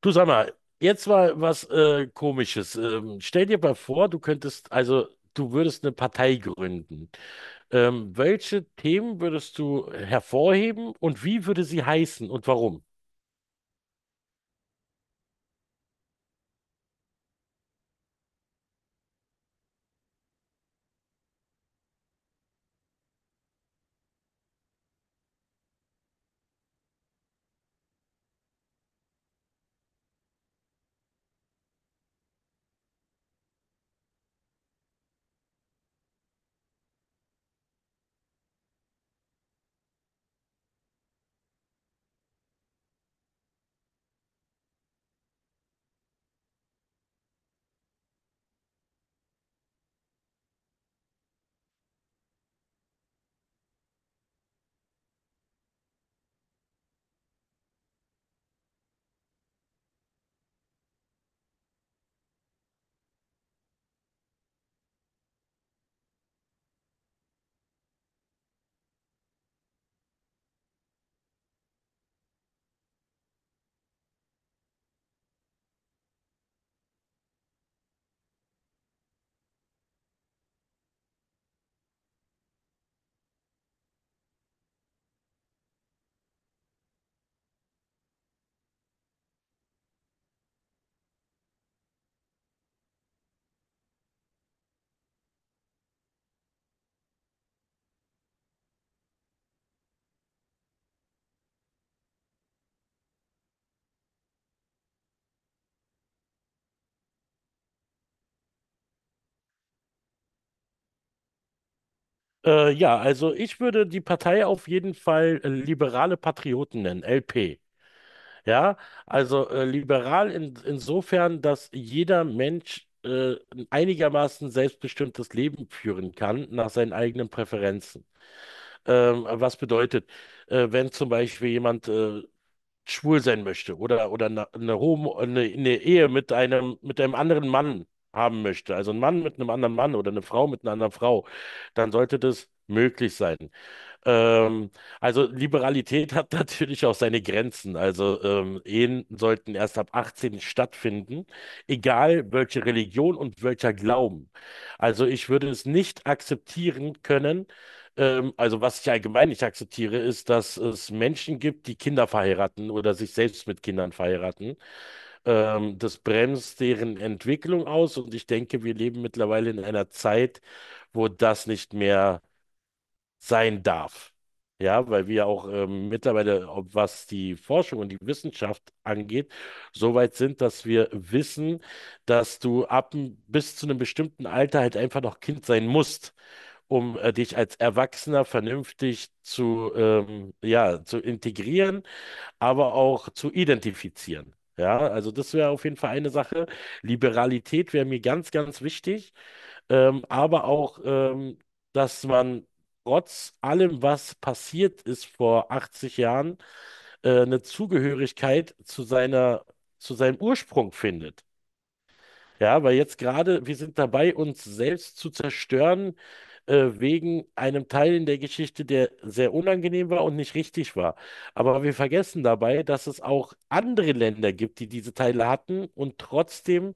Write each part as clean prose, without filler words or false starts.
Du sag mal, jetzt mal was Komisches. Stell dir mal vor, du könntest, also du würdest eine Partei gründen. Welche Themen würdest du hervorheben und wie würde sie heißen und warum? Ja, also ich würde die Partei auf jeden Fall Liberale Patrioten nennen, LP. Ja, also liberal insofern, dass jeder Mensch ein einigermaßen selbstbestimmtes Leben führen kann nach seinen eigenen Präferenzen. Was bedeutet, wenn zum Beispiel jemand schwul sein möchte oder eine Ehe mit mit einem anderen Mann haben möchte, also ein Mann mit einem anderen Mann oder eine Frau mit einer anderen Frau, dann sollte das möglich sein. Ähm, also Liberalität hat natürlich auch seine Grenzen. Also Ehen sollten erst ab 18 stattfinden, egal welche Religion und welcher Glauben. Also ich würde es nicht akzeptieren können. Also was ich allgemein nicht akzeptiere, ist, dass es Menschen gibt, die Kinder verheiraten oder sich selbst mit Kindern verheiraten. Das bremst deren Entwicklung aus und ich denke, wir leben mittlerweile in einer Zeit, wo das nicht mehr sein darf. Ja, weil wir auch mittlerweile, ob was die Forschung und die Wissenschaft angeht, so weit sind, dass wir wissen, dass du ab bis zu einem bestimmten Alter halt einfach noch Kind sein musst, um dich als Erwachsener vernünftig zu integrieren, aber auch zu identifizieren. Ja, also das wäre auf jeden Fall eine Sache. Liberalität wäre mir ganz wichtig aber auch, dass man trotz allem, was passiert ist vor 80 Jahren, eine Zugehörigkeit zu zu seinem Ursprung findet. Ja, weil jetzt gerade, wir sind dabei, uns selbst zu zerstören, wegen einem Teil in der Geschichte, der sehr unangenehm war und nicht richtig war. Aber wir vergessen dabei, dass es auch andere Länder gibt, die diese Teile hatten und trotzdem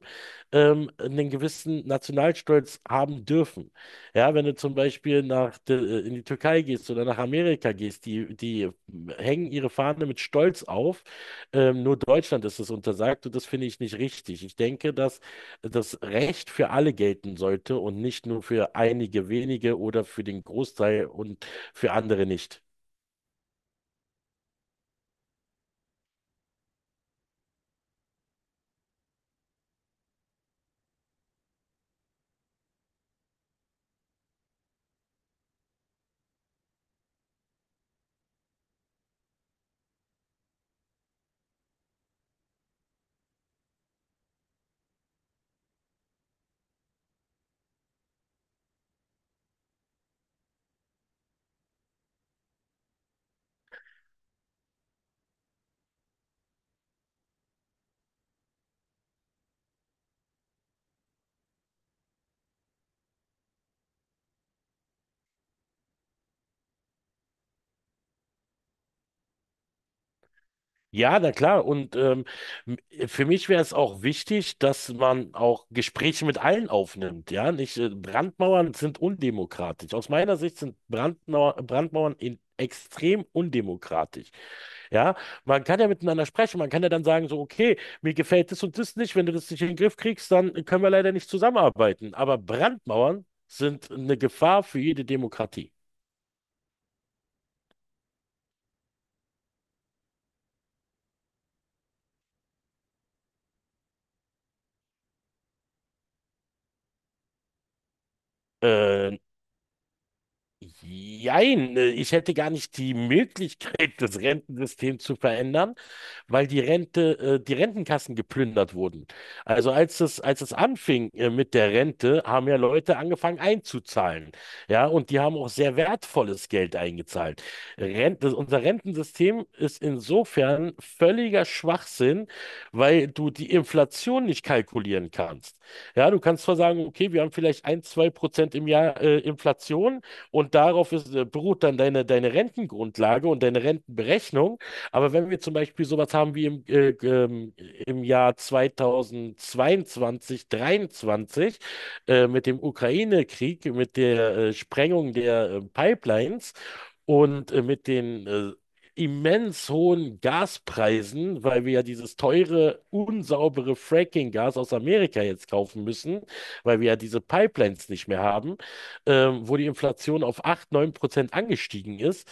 einen gewissen Nationalstolz haben dürfen. Ja, wenn du zum Beispiel in die Türkei gehst oder nach Amerika gehst, die hängen ihre Fahne mit Stolz auf. Nur Deutschland ist es untersagt und das finde ich nicht richtig. Ich denke, dass das Recht für alle gelten sollte und nicht nur für einige wenige oder für den Großteil und für andere nicht. Ja, na klar. Und für mich wäre es auch wichtig, dass man auch Gespräche mit allen aufnimmt. Ja, nicht Brandmauern sind undemokratisch. Aus meiner Sicht sind Brandmauern in extrem undemokratisch. Ja, man kann ja miteinander sprechen. Man kann ja dann sagen so, okay, mir gefällt das und das nicht. Wenn du das nicht in den Griff kriegst, dann können wir leider nicht zusammenarbeiten. Aber Brandmauern sind eine Gefahr für jede Demokratie. Äh, Jein, ich hätte gar nicht die Möglichkeit, das Rentensystem zu verändern, weil die die Rentenkassen geplündert wurden. Also als es anfing, mit der Rente, haben ja Leute angefangen einzuzahlen. Ja, und die haben auch sehr wertvolles Geld eingezahlt. Rente, unser Rentensystem ist insofern völliger Schwachsinn, weil du die Inflation nicht kalkulieren kannst. Ja, du kannst zwar sagen, okay, wir haben vielleicht 1, 2% im Jahr, Inflation. Und darauf beruht dann deine Rentengrundlage und deine Rentenberechnung. Aber wenn wir zum Beispiel sowas haben wie im Jahr 2022, 23 mit dem Ukraine-Krieg, mit der Sprengung der Pipelines und mit den immens hohen Gaspreisen, weil wir ja dieses teure, unsaubere Fracking-Gas aus Amerika jetzt kaufen müssen, weil wir ja diese Pipelines nicht mehr haben, wo die Inflation auf 8, 9% angestiegen ist.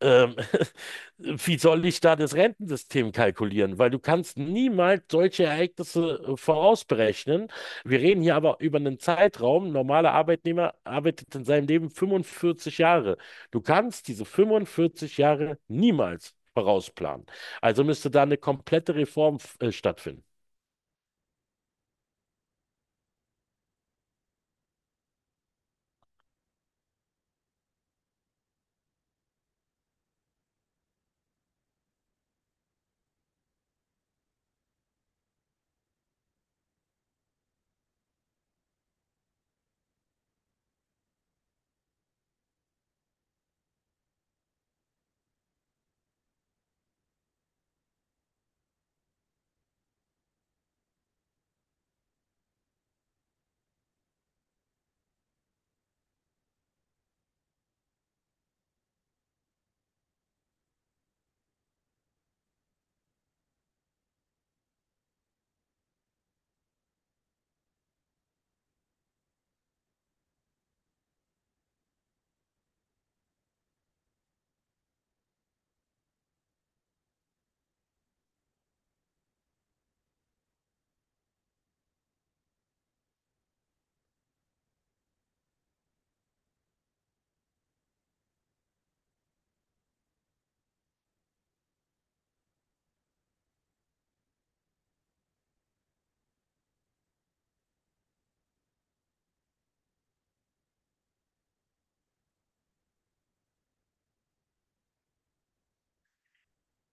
Ähm, Wie soll ich da das Rentensystem kalkulieren? Weil du kannst niemals solche Ereignisse vorausberechnen. Wir reden hier aber über einen Zeitraum. Ein normaler Arbeitnehmer arbeitet in seinem Leben 45 Jahre. Du kannst diese 45 Jahre niemals vorausplanen. Also müsste da eine komplette Reform stattfinden.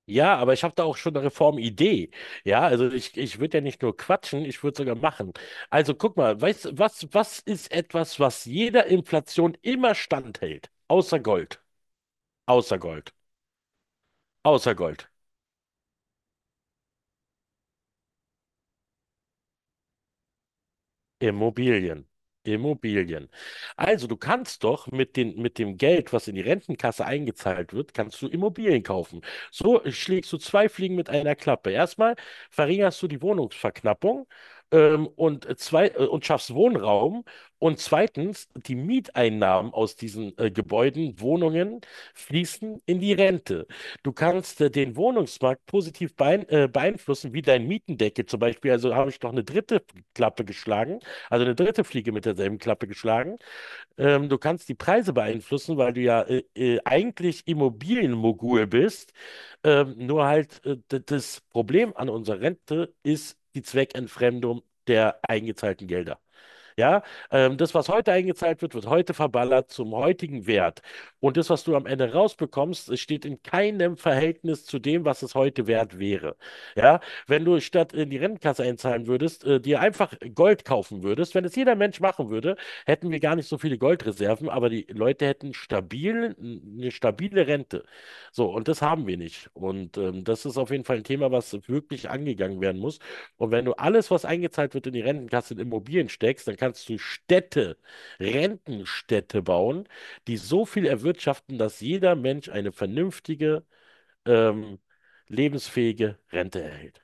Ja, aber ich habe da auch schon eine Reformidee. Ja, also ich würde ja nicht nur quatschen, ich würde sogar machen. Also guck mal, weißt, du, was ist etwas, was jeder Inflation immer standhält? Außer Gold, außer Gold, außer Gold. Immobilien. Immobilien. Also du kannst doch mit mit dem Geld, was in die Rentenkasse eingezahlt wird, kannst du Immobilien kaufen. So schlägst du zwei Fliegen mit einer Klappe. Erstmal verringerst du die Wohnungsverknappung und, zwei, und schaffst Wohnraum. Und zweitens, die Mieteinnahmen aus diesen Gebäuden, Wohnungen, fließen in die Rente. Du kannst den Wohnungsmarkt positiv beeinflussen, wie dein Mietendeckel zum Beispiel. Also habe ich noch eine dritte Klappe geschlagen, also eine dritte Fliege mit derselben Klappe geschlagen. Du kannst die Preise beeinflussen, weil du ja eigentlich Immobilienmogul bist. Nur halt das Problem an unserer Rente ist die Zweckentfremdung der eingezahlten Gelder. Ja, das, was heute eingezahlt wird, wird heute verballert zum heutigen Wert. Und das, was du am Ende rausbekommst, es steht in keinem Verhältnis zu dem, was es heute wert wäre. Ja, wenn du statt in die Rentenkasse einzahlen würdest, dir einfach Gold kaufen würdest, wenn es jeder Mensch machen würde, hätten wir gar nicht so viele Goldreserven, aber die Leute eine stabile Rente. So, und das haben wir nicht. Und das ist auf jeden Fall ein Thema, was wirklich angegangen werden muss. Und wenn du alles, was eingezahlt wird in die Rentenkasse, in Immobilien steckst, dann kannst du Rentenstädte bauen, die so viel erwirtschaften, dass jeder Mensch eine vernünftige, ähm, lebensfähige Rente erhält.